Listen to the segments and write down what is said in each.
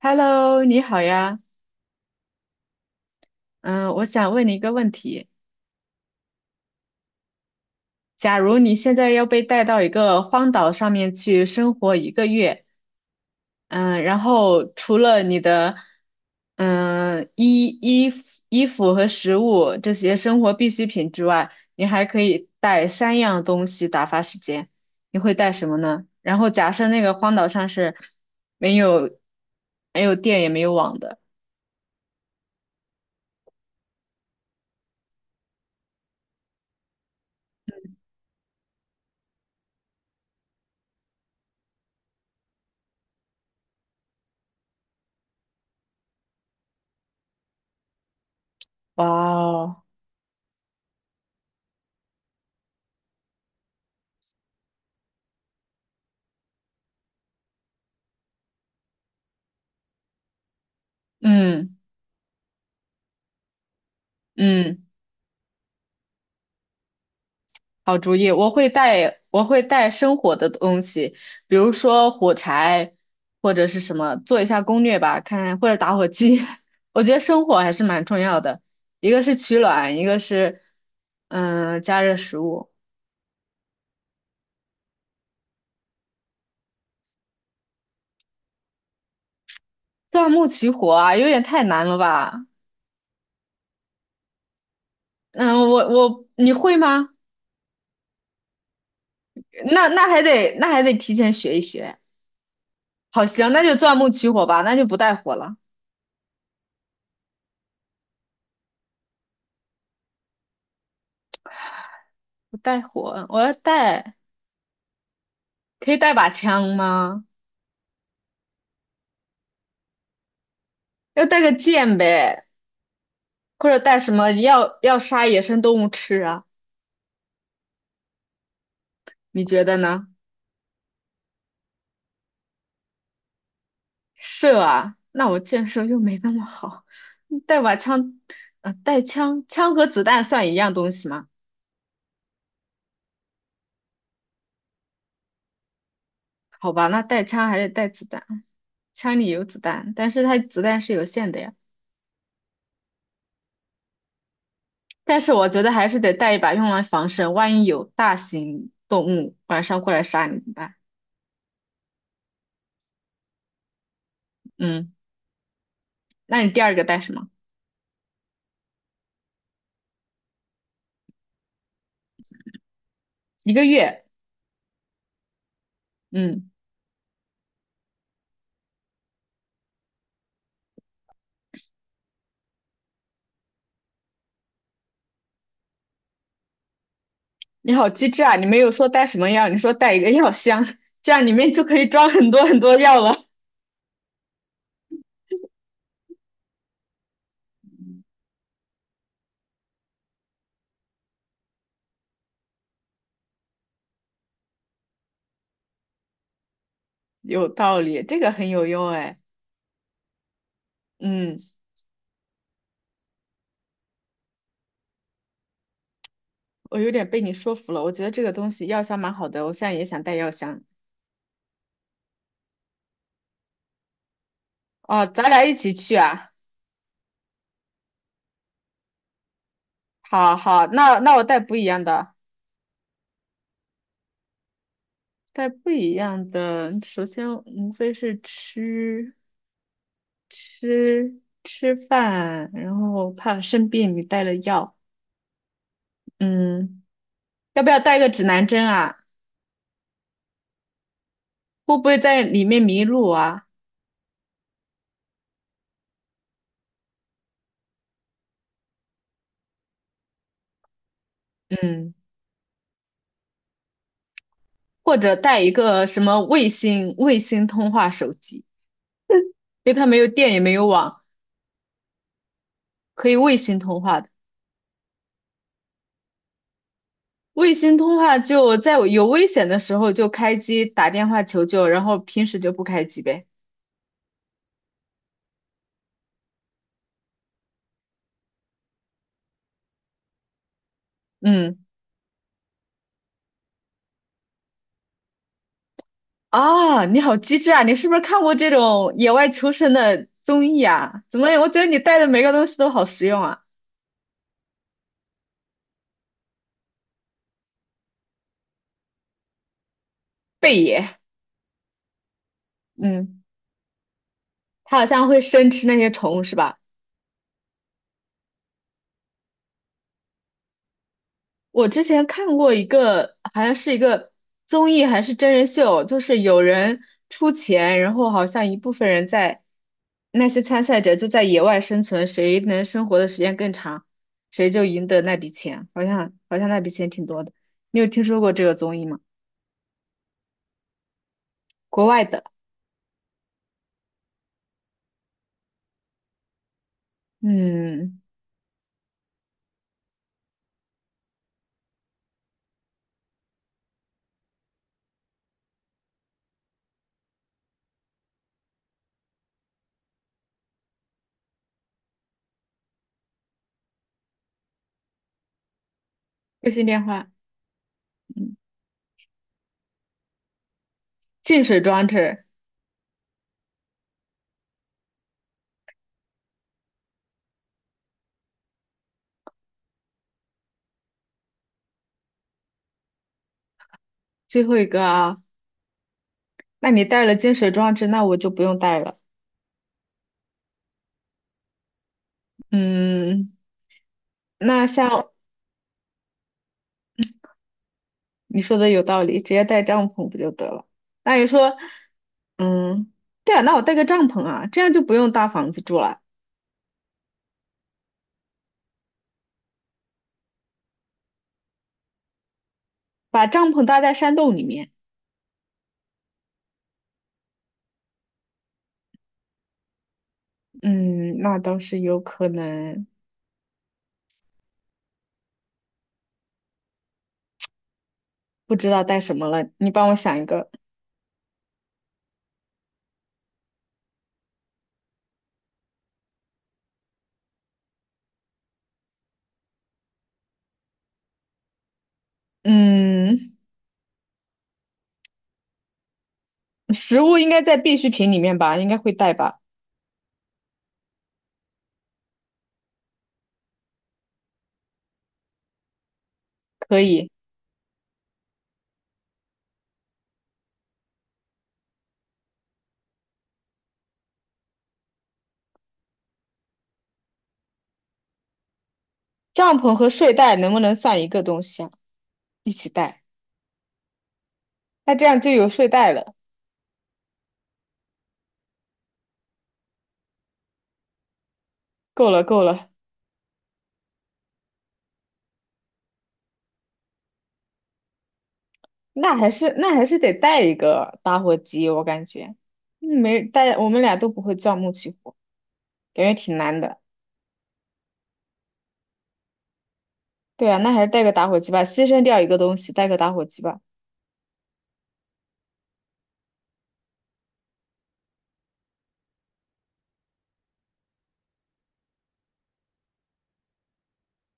Hello，你好呀。嗯，我想问你一个问题：假如你现在要被带到一个荒岛上面去生活一个月，嗯，然后除了你的衣服和食物这些生活必需品之外，你还可以带三样东西打发时间，你会带什么呢？然后假设那个荒岛上是没有没有电也没有网的。哇哦，嗯嗯。好主意，我会带生火的东西，比如说火柴或者是什么，做一下攻略吧，看或者打火机。我觉得生火还是蛮重要的，一个是取暖，一个是加热食物。钻木取火啊，有点太难了吧？嗯，我你会吗？那还得提前学一学。好，行，那就钻木取火吧，那就不带火了，不带火，我要带，可以带把枪吗？要带个剑呗。或者带什么要杀野生动物吃啊？你觉得呢？射啊，那我箭射又没那么好，带把枪，带枪，枪和子弹算一样东西吗？好吧，那带枪还得带子弹，枪里有子弹，但是它子弹是有限的呀。但是我觉得还是得带一把用来防身，万一有大型动物晚上过来杀你怎么办？嗯，那你第二个带什么？一个月，嗯。你好机智啊！你没有说带什么药，你说带一个药箱，这样里面就可以装很多很多药了。有道理，这个很有用哎。嗯，我有点被你说服了，我觉得这个东西药箱蛮好的，我现在也想带药箱。哦，咱俩一起去啊！好好，那我带不一样的，带不一样的。首先无非是吃饭，然后怕生病，你带了药。嗯，要不要带个指南针啊？会不会在里面迷路啊？嗯，或者带一个什么卫星通话手机，因为它没有电也没有网，可以卫星通话的。卫星通话就在我有危险的时候就开机打电话求救，然后平时就不开机呗。嗯，啊，你好机智啊！你是不是看过这种野外求生的综艺啊？怎么，我觉得你带的每个东西都好实用啊。贝爷，嗯，他好像会生吃那些虫是吧？我之前看过一个，好像是一个综艺还是真人秀，就是有人出钱，然后好像一部分人在那些参赛者就在野外生存，谁能生活的时间更长，谁就赢得那笔钱。好像那笔钱挺多的，你有听说过这个综艺吗？国外的，嗯，卫星电话，嗯，净水装置，最后一个啊，那你带了净水装置，那我就不用带了，嗯，那像。你说的有道理，直接带帐篷不就得了？那你说，嗯，对啊，那我带个帐篷啊，这样就不用搭房子住了，把帐篷搭在山洞里面。嗯，那倒是有可能，不知道带什么了，你帮我想一个。嗯，食物应该在必需品里面吧，应该会带吧？可以，帐篷和睡袋能不能算一个东西啊？一起带，那这样就有睡袋了，够了够了。那还是得带一个打火机，我感觉，没带，我们俩都不会钻木取火，感觉挺难的。对啊，那还是带个打火机吧，牺牲掉一个东西，带个打火机吧。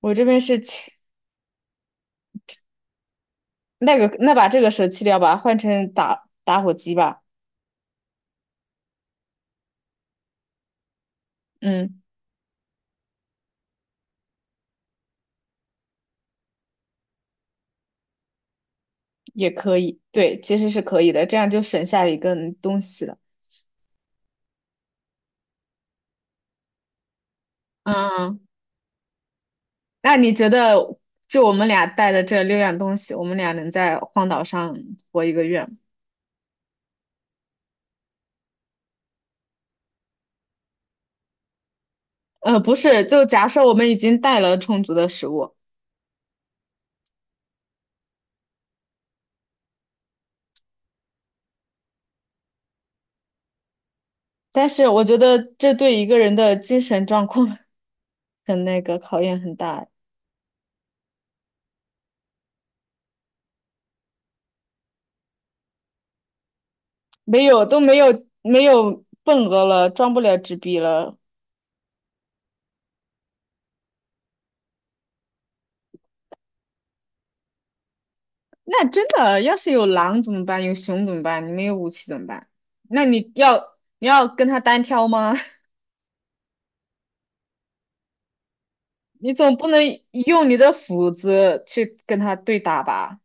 我这边是切那个，那把这个舍弃掉吧，换成打火机吧。嗯，也可以，对，其实是可以的，这样就省下一个东西了。嗯，那你觉得，就我们俩带的这六样东西，我们俩能在荒岛上活一个月吗？不是，就假设我们已经带了充足的食物，但是我觉得这对一个人的精神状况 很那个考验很大，没有都没有没有份额了，装不了纸币了。那真的，要是有狼怎么办？有熊怎么办？你没有武器怎么办？那你要跟他单挑吗？你总不能用你的斧子去跟他对打吧？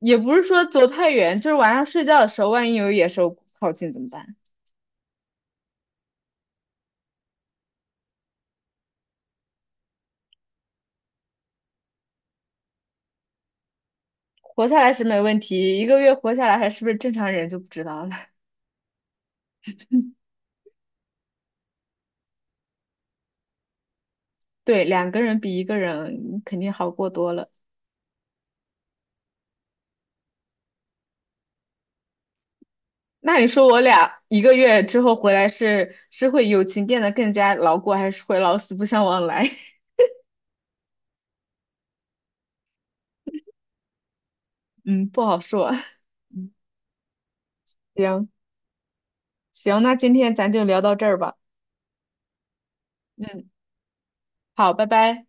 也不是说走太远，就是晚上睡觉的时候，万一有野兽靠近怎么办？活下来是没问题，一个月活下来还是不是正常人就不知道了。对，两个人比一个人肯定好过多了。那你说我俩一个月之后回来是会友情变得更加牢固，还是会老死不相往来？嗯，不好说。嗯，行行，那今天咱就聊到这儿吧。嗯，好，拜拜。